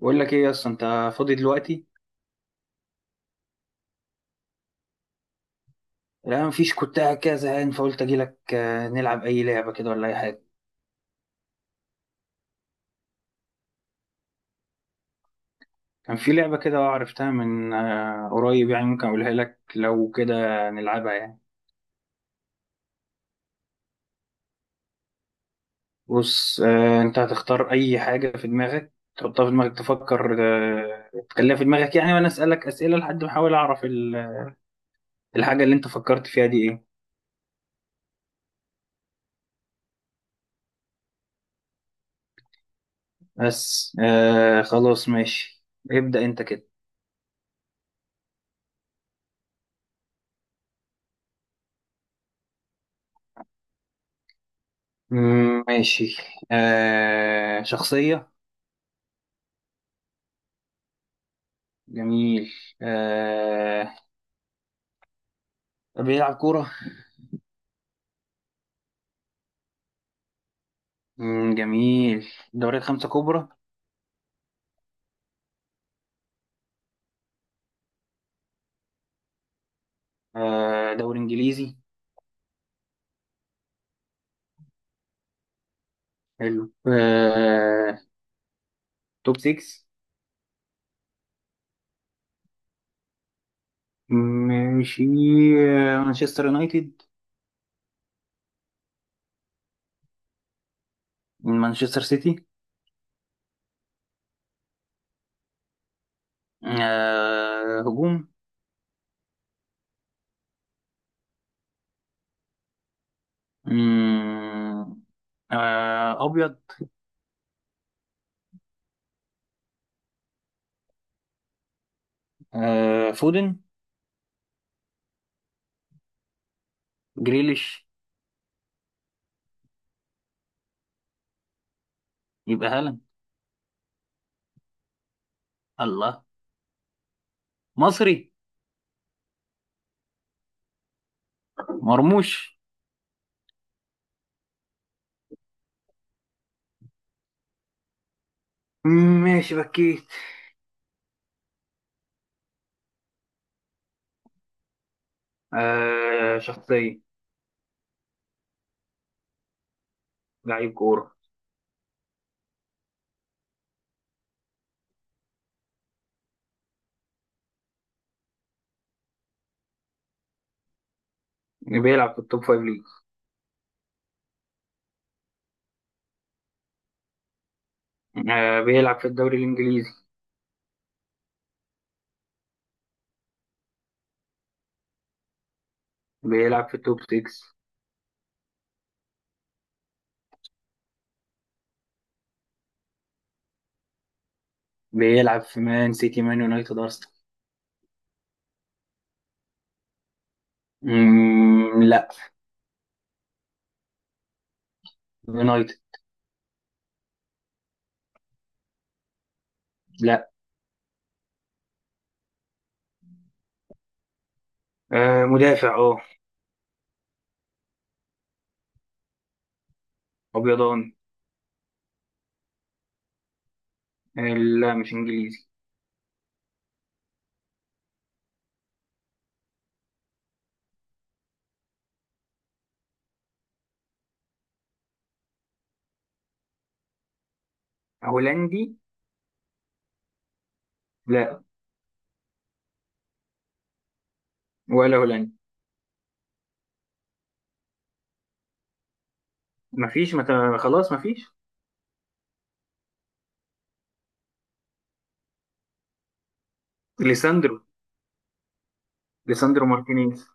بقول لك ايه يا اسطى؟ انت فاضي دلوقتي؟ لا مفيش، كنت قاعد كده زهقان فقلت اجي لك، نلعب اي لعبه كده ولا اي حاجه. كان في لعبه كده عرفتها من قريب، يعني ممكن اقولها لك لو كده نلعبها يعني. بص، انت هتختار اي حاجه في دماغك، تحطها في دماغك، تفكر. تخليها في دماغك يعني، وانا اسالك اسئله لحد ما احاول اعرف الحاجه اللي انت فكرت فيها دي ايه. بس، خلاص، ماشي. ابدا انت كده. مم، ماشي. شخصيه. جميل. آه. بيلعب كورة. مم، جميل. دوريات خمسة كبرى. دوري إنجليزي. حلو آه. توب 6. ماشي. مانشستر يونايتد. مانشستر سيتي. هجوم. مم. أبيض. فودن. جريليش. يبقى هالاند. الله. مصري. مرموش. مم، ماشي بكيت. شخصية. لعيب كورة. بيلعب في التوب فايف ليج. بيلعب في الدوري الإنجليزي. بيلعب في التوب 6. بيلعب في مان سيتي مان يونايتد أرسنال. مم، لا. يونايتد. لا. مدافع اه. أبيضان. آه، لا مش إنجليزي هولندي. لا. ولا هولندي. مفيش خلاص، مفيش. ليساندرو. ليساندرو مارتينيز.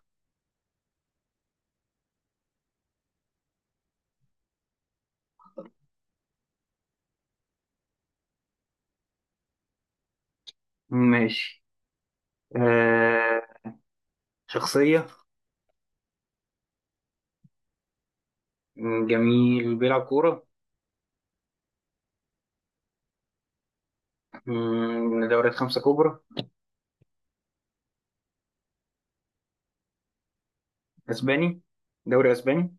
ماشي. آه، شخصية. مم، جميل، بيلعب كورة. مم، دوريات خمسة كبرى. أسباني. دوري أسباني.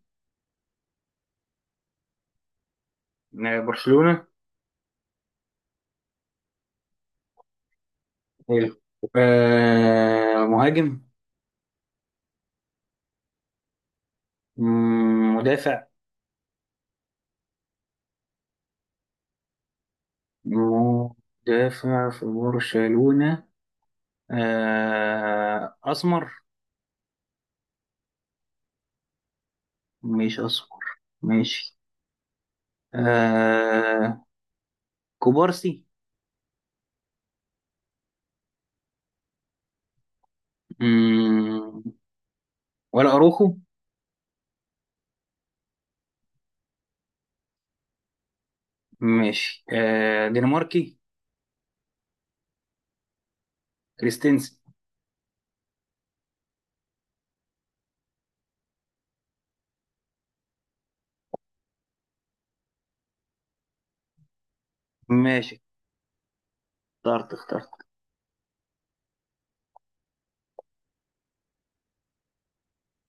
برشلونة. حلو. مهاجم. مم، مدافع. مدافع في برشلونة. أسمر. مش أسمر. ماشي. آه. كوبارسي. مم. ولا أروخو. ماشي، دنماركي. كريستنسن. ماشي. اخترت اخترت.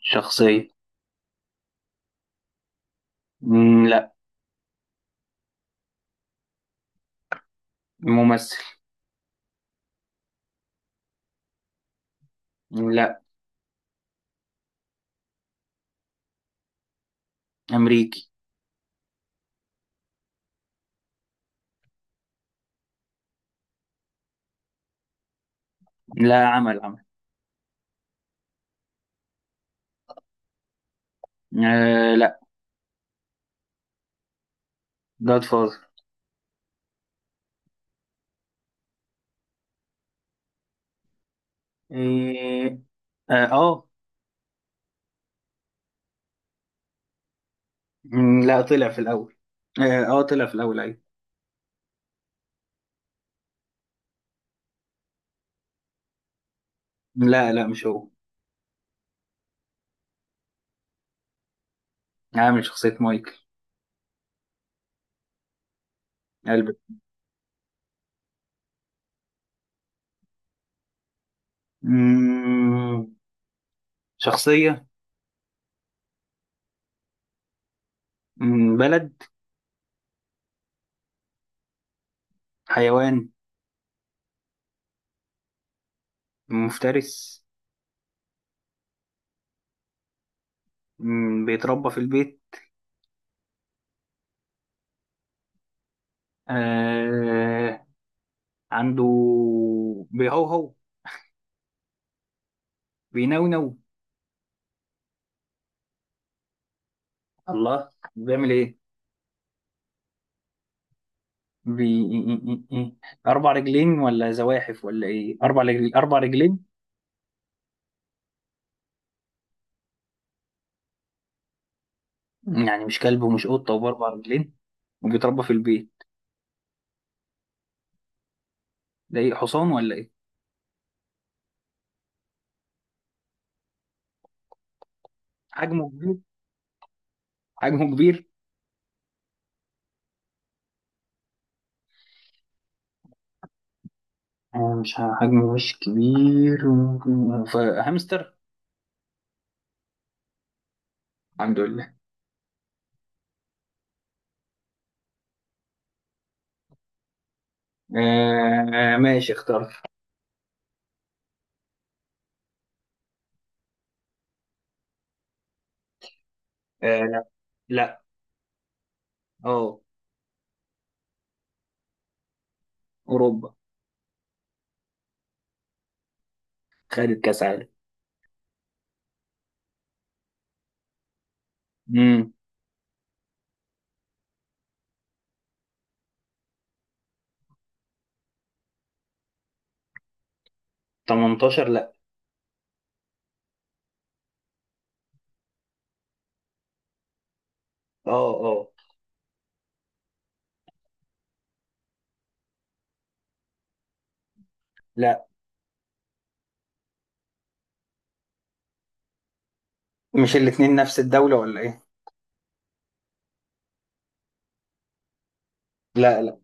شخصية. مم، لا. ممثل. لا. أمريكي. لا، عمل عمل. لا. جاد فاذر. إيه. اه آه. مم، لا، طلع في الاول. اه آه، طلع في الاول، ايوه. لا لا مش هو. عامل شخصية مايكل. قلبت. مم، شخصية. مم، بلد. حيوان. مفترس. مم، بيتربى في البيت. آه. عنده. بيهوهو. بينونو. الله، بيعمل ايه. إيه، إيه، إيه، إيه. اربع رجلين ولا زواحف ولا ايه، اربع رجلين. يعني مش كلب ومش قطة وبأربع رجلين. وبيتربى في البيت. ده ايه، حصان ولا ايه. حجمه كبير. حجمه كبير. مش حجمه مش كبير، فهامستر. الحمد لله. ماشي، اخترت. لا. لا. اه. اوروبا. خدت كاس عالم. امم. 18 لا. اه اه. لا. مش الاتنين نفس الدولة ولا ايه. لا لا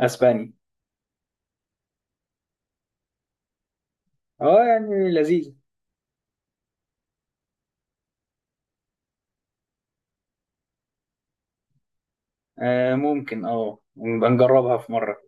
اسبانيا. اه، يعني لذيذ. آه، ممكن، نبقى نجربها في مرة.